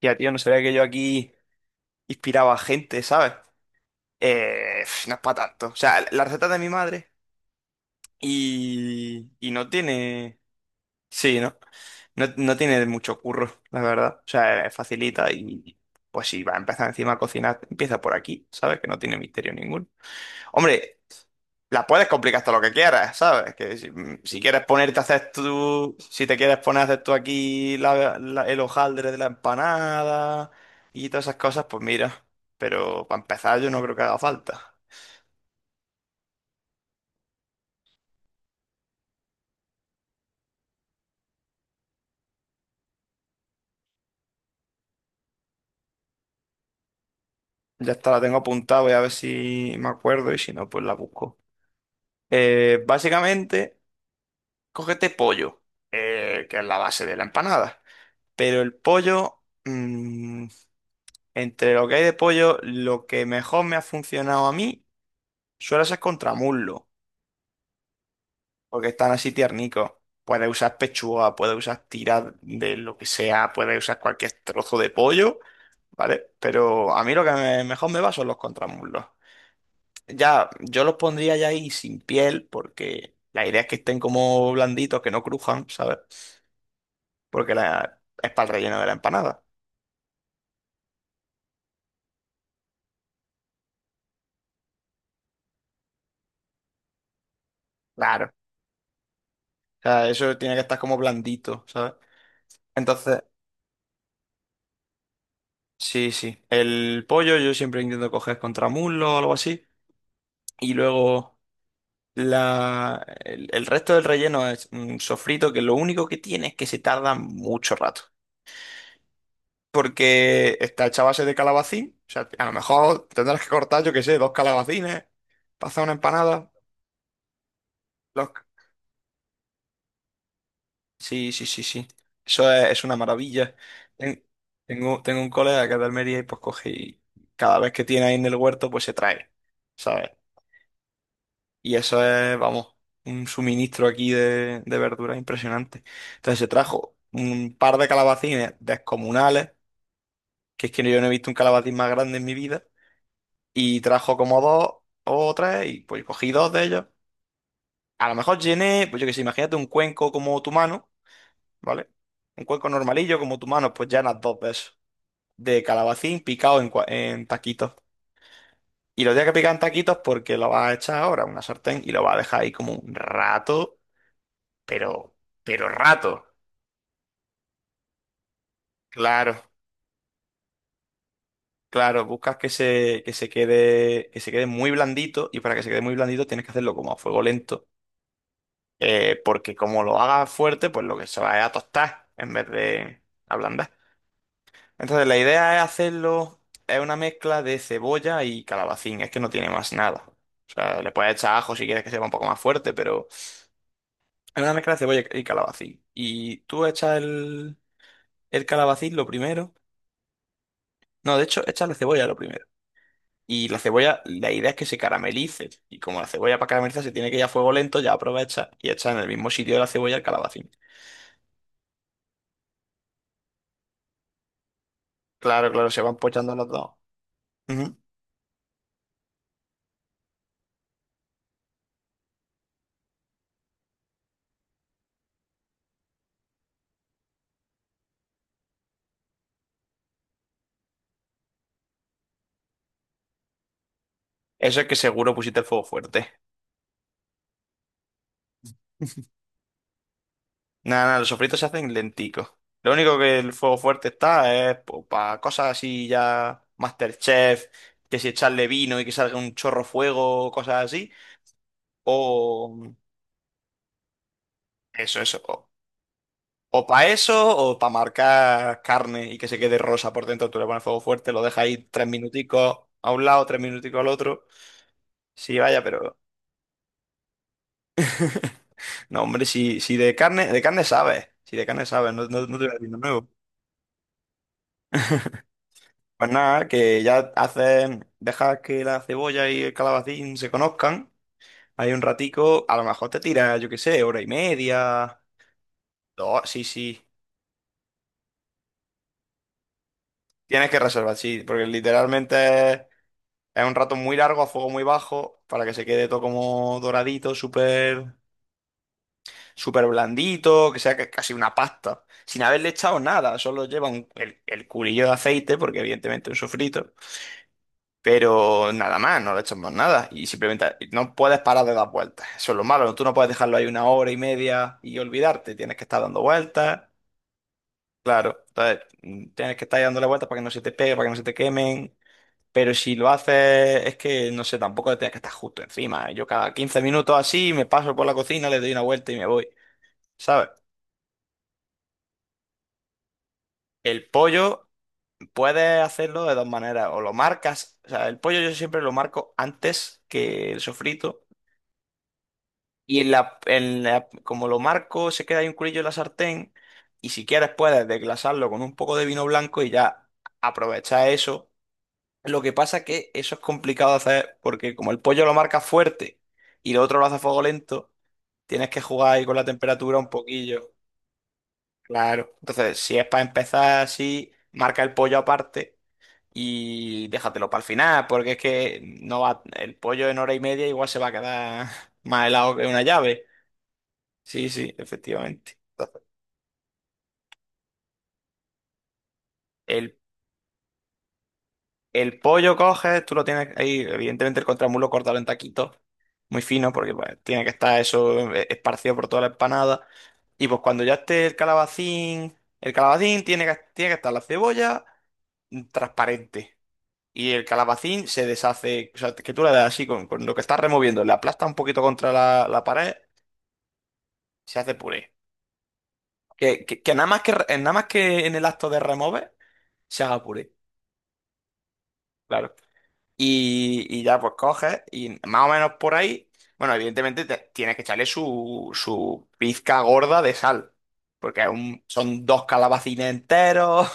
Ya, tío, no sabía que yo aquí inspiraba a gente, ¿sabes? No es para tanto. O sea, la receta de mi madre y no tiene... Sí, ¿no? ¿No? No tiene mucho curro, la verdad. O sea, es facilita y pues si va a empezar encima a cocinar, empieza por aquí, ¿sabes? Que no tiene misterio ninguno. Hombre, la puedes complicar hasta lo que quieras, ¿sabes? Que si, si quieres ponerte a hacer tú, si te quieres poner a hacer tú aquí el hojaldre de la empanada y todas esas cosas, pues mira. Pero para empezar yo no creo que haga falta. Ya está, la tengo apuntada, voy a ver si me acuerdo y si no, pues la busco. Básicamente, cógete pollo, que es la base de la empanada. Pero el pollo, entre lo que hay de pollo, lo que mejor me ha funcionado a mí suele ser contramullo, porque están así tiernicos. Puedes usar pechuga, puedes usar tiras de lo que sea, puedes usar cualquier trozo de pollo, ¿vale? Pero a mí lo que mejor me va son los contramuslos. Ya, yo los pondría ya ahí sin piel, porque la idea es que estén como blanditos, que no crujan, ¿sabes? Porque la, es para el relleno de la empanada. Claro. O sea, eso tiene que estar como blandito, ¿sabes? Entonces, sí, sí. El pollo yo siempre intento coger contramuslo o algo así. Y luego. El resto del relleno es un sofrito que lo único que tiene es que se tarda mucho rato. Porque está hecha a base de calabacín. O sea, a lo mejor tendrás que cortar, yo qué sé, dos calabacines para hacer una empanada. Los- Sí, sí, sí, sí. Eso es una maravilla. Ten- tengo un colega que es de Almería y pues coge y cada vez que tiene ahí en el huerto, pues se trae. ¿Sabes? Y eso es, vamos, un suministro aquí de verduras impresionante. Entonces se trajo un par de calabacines descomunales, que es que yo no he visto un calabacín más grande en mi vida, y trajo como dos o tres, y pues cogí dos de ellos. A lo mejor llené, pues yo qué sé, imagínate un cuenco como tu mano, ¿vale? Un cuenco normalillo como tu mano, pues llenas dos de esos, de calabacín picado en, en taquitos. Y lo tienes que picar en taquitos porque lo vas a echar ahora a una sartén y lo vas a dejar ahí como un rato pero, pero rato. Claro, claro, buscas que se quede muy blandito y para que se quede muy blandito tienes que hacerlo como a fuego lento, porque como lo hagas fuerte, pues lo que se va es a tostar en vez de ablandar. Entonces la idea es hacerlo, es una mezcla de cebolla y calabacín, es que no tiene más nada. O sea, le puedes echar ajo si quieres que sepa un poco más fuerte, pero es una mezcla de cebolla y calabacín. Y tú echas el calabacín lo primero. No, de hecho, echas la cebolla lo primero. Y la cebolla, la idea es que se caramelice. Y como la cebolla para caramelizar se tiene que ir a fuego lento, ya aprovecha y echa en el mismo sitio de la cebolla el calabacín. Claro, claro, se van pochando los dos. Ujú. Eso es que seguro pusiste el fuego fuerte. Nada, nada, los sofritos se hacen lenticos. Lo único que el fuego fuerte está es para cosas así ya MasterChef, que si echarle vino y que salga un chorro fuego, cosas así. O eso, eso. O para eso, o para marcar carne y que se quede rosa por dentro, tú le pones fuego fuerte, lo dejas ahí tres minuticos a un lado, tres minuticos al otro. Sí, vaya, pero... No, hombre, si, si de carne, de carne sabes, si de carne sabes, no, no, no te voy a decir nada nuevo. Pues nada, que ya haces, dejas que la cebolla y el calabacín se conozcan, hay un ratico, a lo mejor te tiras, yo qué sé, hora y media, dos, sí, sí. Tienes que reservar, sí, porque literalmente es un rato muy largo, a fuego muy bajo, para que se quede todo como doradito, súper, súper blandito, que sea casi una pasta. Sin haberle echado nada, solo lleva el culillo de aceite, porque evidentemente es un sofrito. Pero nada más, no le echas más nada. Y simplemente no puedes parar de dar vueltas. Eso es lo malo, tú no puedes dejarlo ahí una hora y media y olvidarte. Tienes que estar dando vueltas. Claro, entonces tienes que estar ahí dándole vueltas para que no se te pegue, para que no se te quemen. Pero si lo haces, es que no sé, tampoco te tienes que estar justo encima. Yo cada quince minutos así me paso por la cocina, le doy una vuelta y me voy. ¿Sabes? El pollo puedes hacerlo de dos maneras. O lo marcas, o sea, el pollo yo siempre lo marco antes que el sofrito. Y en como lo marco, se queda ahí un culillo en la sartén. Y si quieres, puedes desglasarlo con un poco de vino blanco y ya aprovechar eso. Lo que pasa que eso es complicado de hacer porque como el pollo lo marca fuerte y lo otro lo hace a fuego lento. Tienes que jugar ahí con la temperatura un poquillo. Claro. Entonces, si es para empezar así, marca el pollo aparte y déjatelo para el final, porque es que no va, el pollo en hora y media igual se va a quedar más helado que una llave. Sí, sí, efectivamente. Entonces, el, el pollo coges, tú lo tienes ahí, evidentemente el contramulo cortado en taquitos, muy fino, porque pues, tiene que estar eso esparcido por toda la empanada. Y pues cuando ya esté el calabacín tiene que estar la cebolla transparente. Y el calabacín se deshace, o sea, que tú le das así con lo que estás removiendo, le aplastas un poquito contra la pared, se hace puré. Que nada más que, nada más que en el acto de remover, se haga puré, claro. Y ya pues coges y más o menos por ahí, bueno, evidentemente tienes que echarle su, su pizca gorda de sal, porque es son dos calabacines enteros.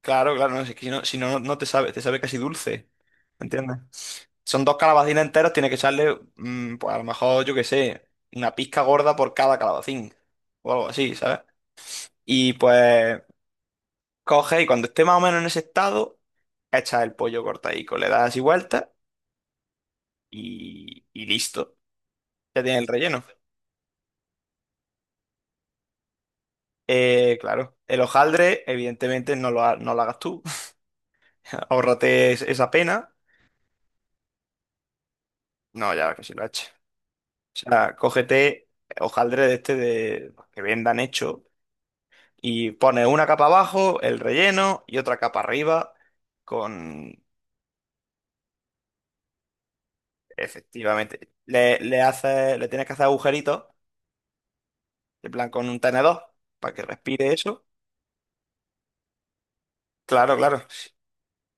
Claro, claro, no, si es que si no, si no, no te sabe, te sabe casi dulce, ¿entiendes? Son dos calabacines enteros, tiene que echarle, pues a lo mejor, yo qué sé, una pizca gorda por cada calabacín, o algo así, ¿sabes? Y pues coge y cuando esté más o menos en ese estado, echa el pollo cortadico, le das así vuelta y listo, ya tienes el relleno. Claro, el hojaldre, evidentemente, no lo, no lo hagas tú, ahórrate esa pena, no, ya que si lo eches. O sea, cógete hojaldre de este de que vendan hecho y pones una capa abajo, el relleno y otra capa arriba con... Efectivamente. Le tienes que hacer agujeritos, en plan con un tenedor, para que respire eso. Claro, claro.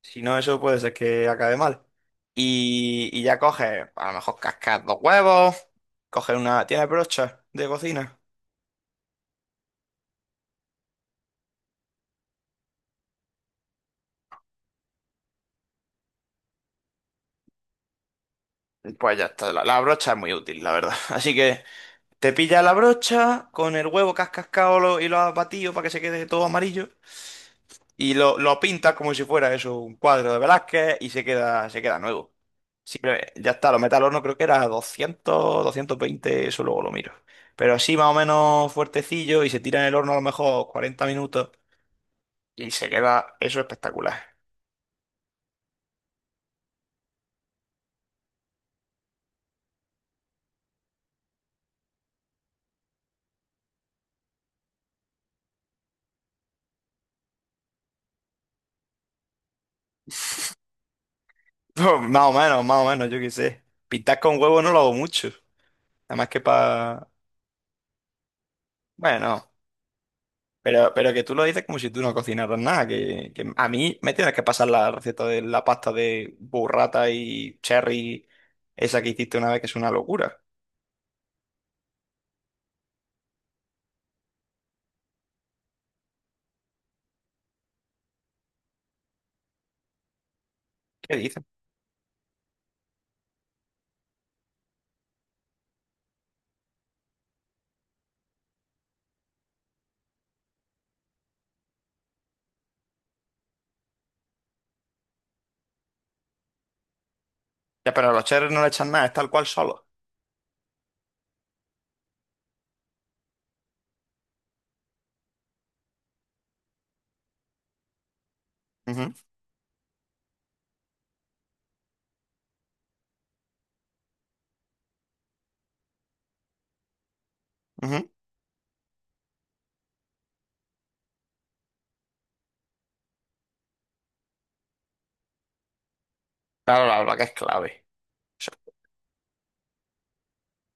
Si no, eso puede ser que acabe mal. Y ya coges, a lo mejor cascas dos huevos, coges una... ¿Tienes brocha de cocina? Pues ya está, la brocha es muy útil, la verdad. Así que te pilla la brocha con el huevo que has cascado y lo has batido para que se quede todo amarillo. Y lo pintas como si fuera eso, un cuadro de Velázquez y se queda nuevo. Ya está, lo metes al horno, creo que era 200, 220, eso luego lo miro. Pero así más o menos fuertecillo y se tira en el horno a lo mejor 40 minutos y se queda eso espectacular. Más o menos, yo qué sé. Pintar con huevo no lo hago mucho. Además que para... Bueno. Pero que tú lo dices como si tú no cocinaras nada, que a mí me tienes que pasar la receta de la pasta de burrata y cherry, esa que hiciste una vez, que es una locura. ¿Qué dices? Ya, pero a los cherry no le echan nada, es tal cual solo. Ujú, ujú. Claro, la verdad que es clave. Eso,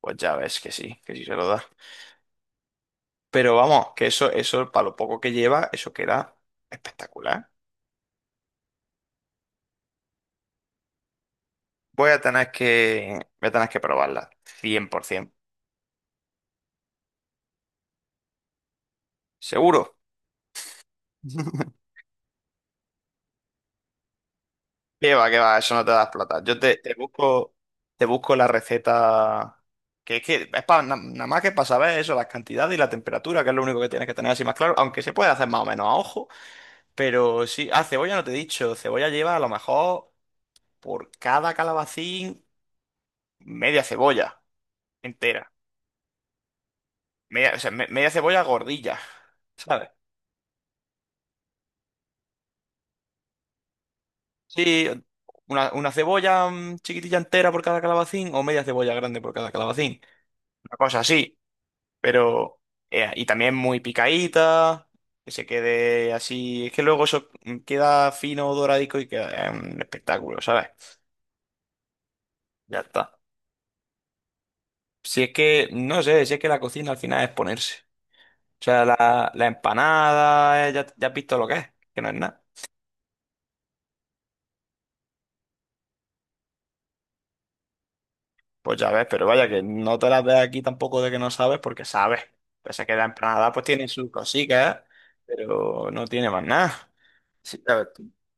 pues ya ves que sí se lo da. Pero vamos, que eso, para lo poco que lleva, eso queda espectacular. Voy a tener que probarla, 100%. Seguro. Qué va, eso no te da plata. Te busco la receta. Que es para nada más que para saber eso, las cantidades y la temperatura, que es lo único que tienes que tener así más claro. Aunque se puede hacer más o menos a ojo, pero sí. Ah, cebolla no te he dicho. Cebolla lleva a lo mejor por cada calabacín media cebolla entera. Media, o sea, media cebolla gordilla, ¿sabes? Sí, una cebolla chiquitilla entera por cada calabacín o media cebolla grande por cada calabacín. Una cosa así. Pero y también muy picadita, que se quede así, es que luego eso queda fino, doradico y queda un espectáculo, ¿sabes? Ya está. Si es que, no sé, si es que la cocina al final es ponerse. O sea, la empanada, ya, ya has visto lo que es, que no es nada. Pues ya ves, pero vaya que no te las ves aquí tampoco de que no sabes, porque sabes. Pese a que la empanada pues tiene sus cositas, pero no tiene más nada. Sí, a ver,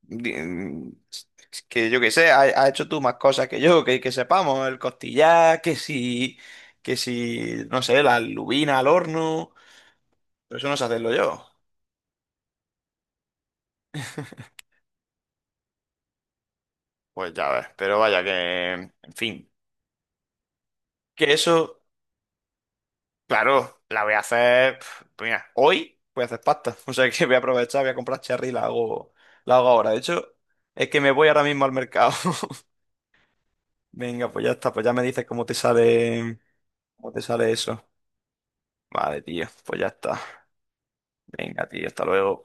di- mm, s- que yo que sé, ha hecho tú más cosas que yo, que sepamos, el costillar, que si, no sé, la lubina al horno, pero eso no sé hacerlo yo. Pues ya ves, pero vaya que, en fin, que eso, claro, la voy a hacer, pf, pues mira, hoy voy a hacer pasta, o sea que voy a aprovechar, voy a comprar cherry y la hago ahora. De hecho, es que me voy ahora mismo al mercado. Venga, pues ya está, pues ya me dices cómo te sale eso. Vale, tío, pues ya está. Venga, tío, hasta luego.